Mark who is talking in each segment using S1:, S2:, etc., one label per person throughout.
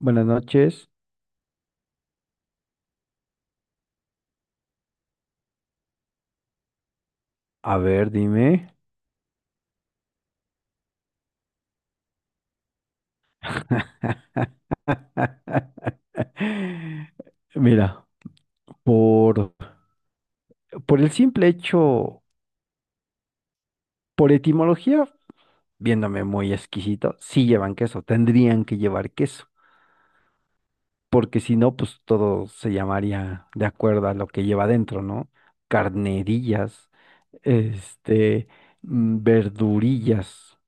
S1: Buenas noches. A ver, dime. Mira, por, por el simple hecho, por etimología, viéndome muy exquisito, sí llevan queso, tendrían que llevar queso, porque si no, pues todo se llamaría de acuerdo a lo que lleva dentro, ¿no? Carnerillas, este, verdurillas,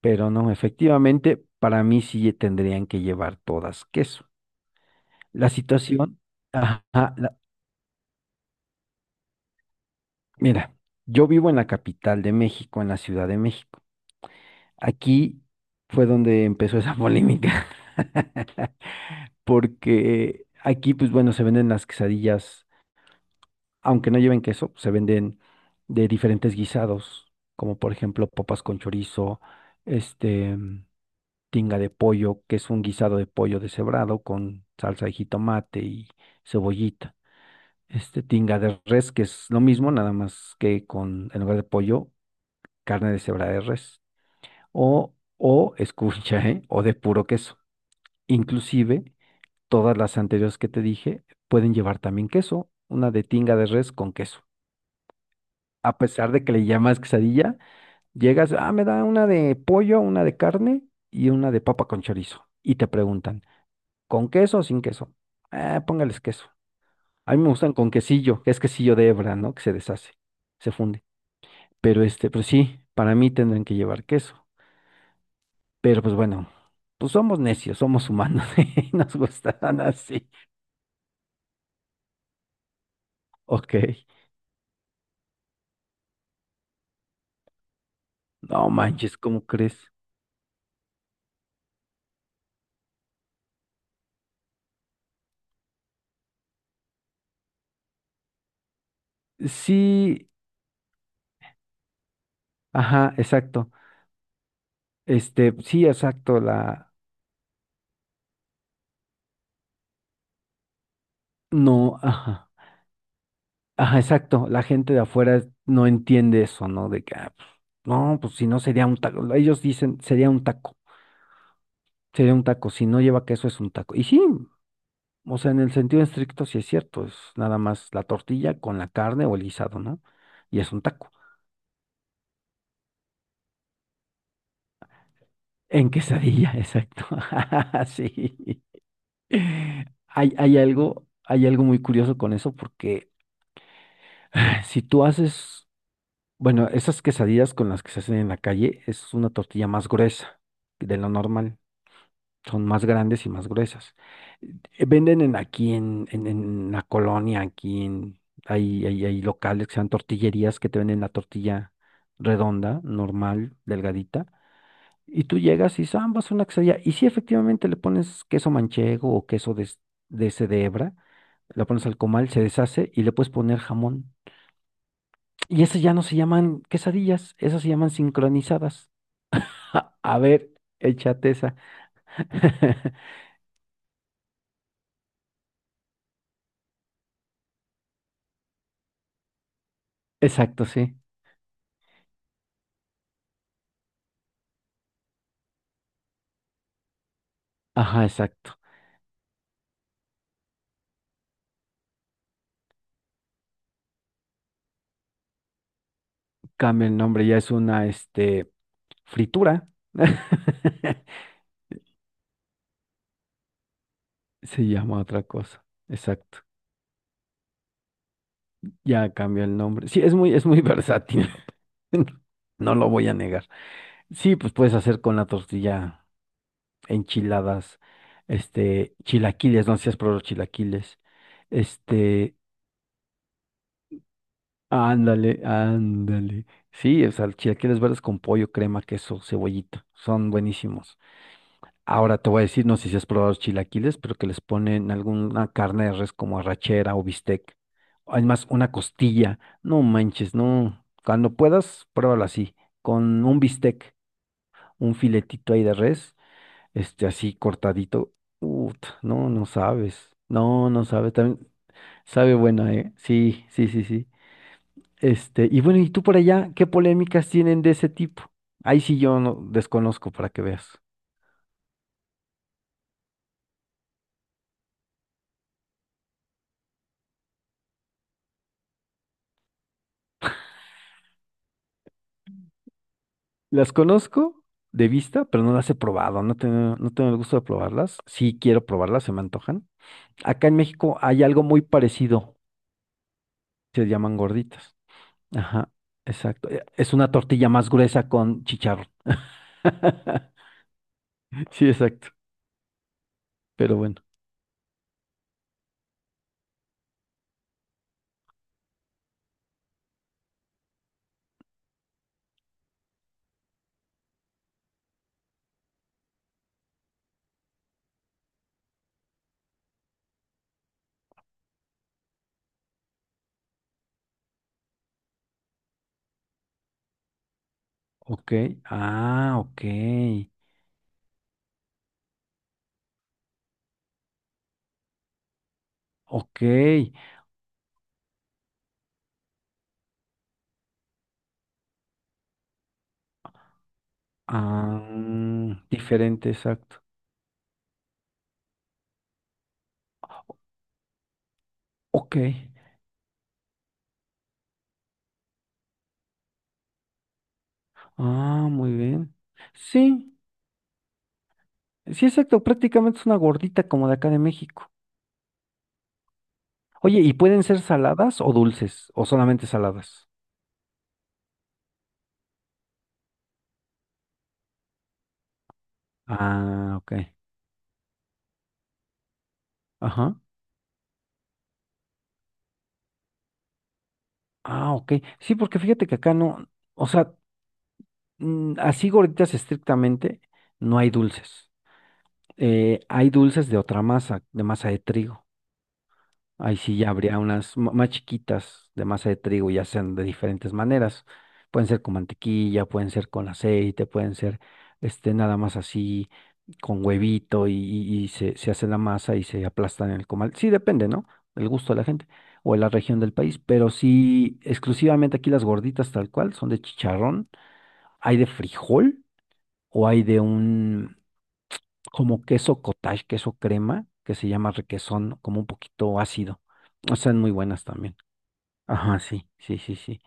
S1: pero no, efectivamente, para mí sí tendrían que llevar todas queso. La situación, ajá, la- mira, yo vivo en la capital de México, en la Ciudad de México. Aquí fue donde empezó esa polémica, porque aquí, pues bueno, se venden las quesadillas, aunque no lleven queso, se venden de diferentes guisados, como por ejemplo papas con chorizo, este, tinga de pollo, que es un guisado de pollo deshebrado con salsa de jitomate y cebollita. Tinga de res, que es lo mismo, nada más que con, en lugar de pollo, carne de cebra de res. O, escucha, ¿eh? O de puro queso. Inclusive, todas las anteriores que te dije pueden llevar también queso. Una de tinga de res con queso. A pesar de que le llamas quesadilla, llegas, ah, me da una de pollo, una de carne y una de papa con chorizo. Y te preguntan, ¿con queso o sin queso? Ah, póngales queso. A mí me gustan con quesillo, que es quesillo de hebra, ¿no? Que se deshace, se funde. Pero este, pues sí, para mí tendrán que llevar queso. Pero pues bueno, pues somos necios, somos humanos y nos gustarán así. Ok, no manches, ¿cómo crees? Sí, ajá, exacto. Sí, exacto, no, ajá, ajá, exacto. La gente de afuera no entiende eso, ¿no? De que, ah, pues, no, pues si no sería un taco. Ellos dicen, sería un taco, sería un taco. Si no lleva queso es un taco. Y sí, o sea, en el sentido estricto sí es cierto, es nada más la tortilla con la carne o el guisado, ¿no? Y es un taco. En quesadilla, exacto. Sí. Hay algo muy curioso con eso porque si tú haces, bueno, esas quesadillas con las que se hacen en la calle es una tortilla más gruesa de lo normal. Son más grandes y más gruesas. Venden en aquí en la colonia. Aquí en, hay, hay, hay locales que sean tortillerías que te venden la tortilla redonda, normal, delgadita, y tú llegas y dices, ah, vas a una quesadilla. Y si efectivamente le pones queso manchego o queso de ese de hebra, la pones al comal, se deshace y le puedes poner jamón. Y esas ya no se llaman quesadillas, esas se llaman sincronizadas. Ja, a ver, échate esa. Exacto, sí. Ajá, exacto. Cambia el nombre, ya es una, fritura. Se llama otra cosa. Exacto. Ya cambió el nombre. Sí, es muy versátil. No lo voy a negar. Sí, pues puedes hacer con la tortilla enchiladas, chilaquiles, no seas pro has chilaquiles. Este, ándale, ándale. Sí, o sea, chilaquiles verdes con pollo, crema, queso, cebollita. Son buenísimos. Ahora te voy a decir, no sé si has probado los chilaquiles, pero que les ponen alguna carne de res como arrachera o bistec. Además, una costilla. No manches, no. Cuando puedas, pruébalo así, con un bistec, un filetito ahí de res, así cortadito. Uf, no, no sabes. No, no sabes. También sabe buena, ¿eh? Sí, sí, sí, sí. Y bueno, ¿y tú por allá qué polémicas tienen de ese tipo? Ahí sí yo no desconozco para que veas. Las conozco de vista, pero no las he probado. No tengo el gusto de probarlas. Sí quiero probarlas, se me antojan. Acá en México hay algo muy parecido. Se llaman gorditas. Ajá, exacto. Es una tortilla más gruesa con chicharrón. Sí, exacto. Pero bueno. Ok. Ah, ok. Ok. Ah, diferente, exacto. Ok. Ah, muy bien. Sí, sí, exacto. Prácticamente es una gordita como de acá de México. Oye, ¿y pueden ser saladas o dulces o solamente saladas? Ah, ok. Ajá. Ah, ok. Sí, porque fíjate que acá no, o sea, así gorditas estrictamente, no hay dulces. Hay dulces de otra masa de trigo. Ahí sí ya habría unas más chiquitas de masa de trigo, ya sean de diferentes maneras. Pueden ser con mantequilla, pueden ser con aceite, pueden ser nada más así con huevito y se hace la masa y se aplastan en el comal. Sí, depende, ¿no? El gusto de la gente o de la región del país, pero sí, exclusivamente aquí las gorditas tal cual son de chicharrón, hay de frijol o hay de un, como queso cottage, queso crema, que se llama requesón, como un poquito ácido. Están muy buenas también. Ajá, sí, sí, sí, sí.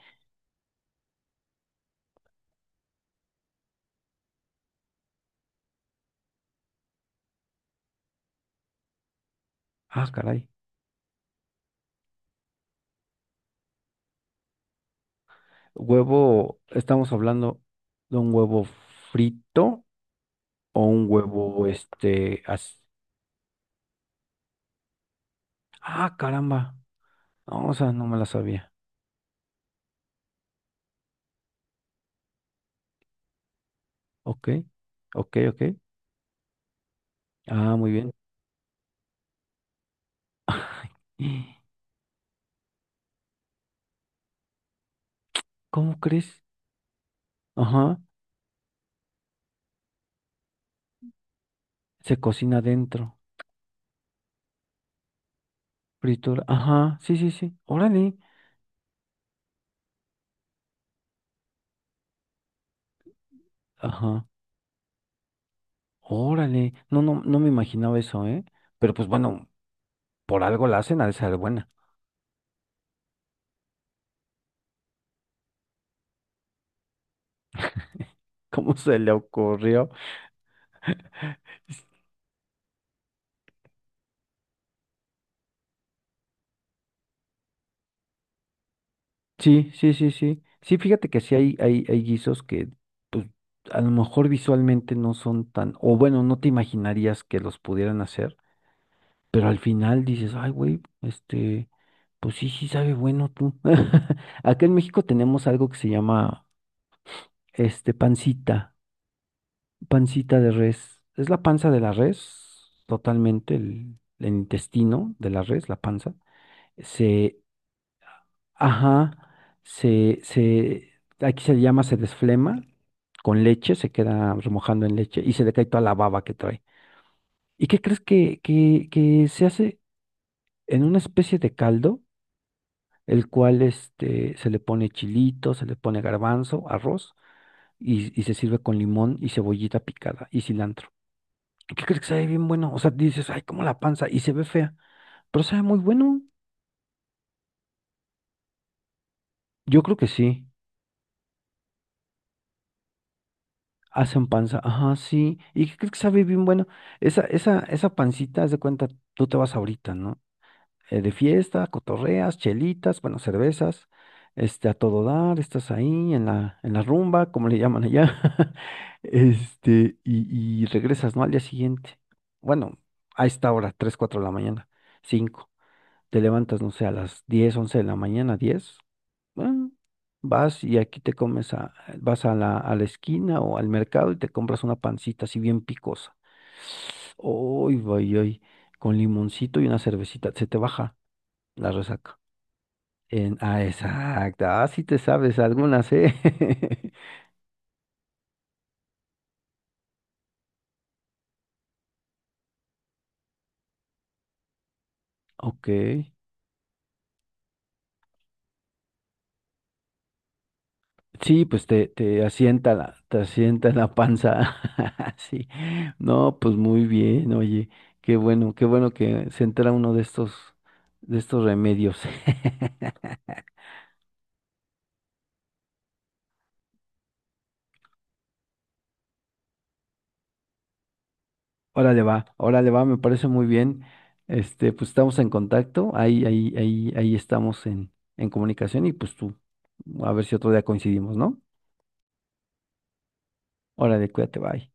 S1: Ah, caray. Huevo, estamos hablando de un huevo frito o un huevo, Ah, caramba. No, o sea, no me la sabía. Ok, ok, ok. Ah, muy bien. ¿Cómo crees? Ajá, se cocina adentro. Fritura. Ajá, sí, sí, sí. Órale. Ajá. Órale, no, no, no me imaginaba eso, ¿eh? Pero pues bueno, por algo la hacen, ha de ser buena. ¿Cómo se le ocurrió? Sí, sí, sí, sí. Sí, fíjate que sí hay guisos que, pues, a lo mejor visualmente no son tan, o bueno, no te imaginarías que los pudieran hacer, pero al final dices, ay, güey, pues sí, sí sabe bueno tú. Acá en México tenemos algo que se llama, pancita. Pancita de res. Es la panza de la res, totalmente, el intestino de la res, la panza. Se, ajá, aquí se le llama, se desflema con leche, se queda remojando en leche y se le cae toda la baba que trae. ¿Y qué crees que se hace en una especie de caldo, el cual se le pone chilito, se le pone garbanzo, arroz y se sirve con limón y cebollita picada y cilantro? ¿Qué crees que sabe bien bueno? O sea, dices, ay, como la panza, y se ve fea, pero sabe muy bueno. Yo creo que sí. Hacen panza, ajá, sí. ¿Y qué crees que sabe bien bueno? Esa pancita, haz de cuenta, tú te vas ahorita, ¿no? De fiesta, cotorreas, chelitas, bueno, cervezas, a todo dar, estás ahí en la rumba, como le llaman allá, y regresas, ¿no? Al día siguiente. Bueno, a esta hora, 3, 4 de la mañana, 5. Te levantas, no sé, a las 10, 11 de la mañana, 10. Bueno, vas y aquí te comes a, vas a la esquina o al mercado y te compras una pancita así bien picosa. Uy, vay, ay, con limoncito y una cervecita, se te baja la resaca. Ah, exacto. Ah, sí te sabes algunas, ¿eh? Ok. Sí, pues te asienta la panza. Sí. No, pues muy bien, oye. Qué bueno que se entera uno de estos, remedios. Órale va, me parece muy bien. Pues estamos en contacto, ahí estamos en comunicación y pues tú, a ver si otro día coincidimos, ¿no? Órale, cuídate, bye.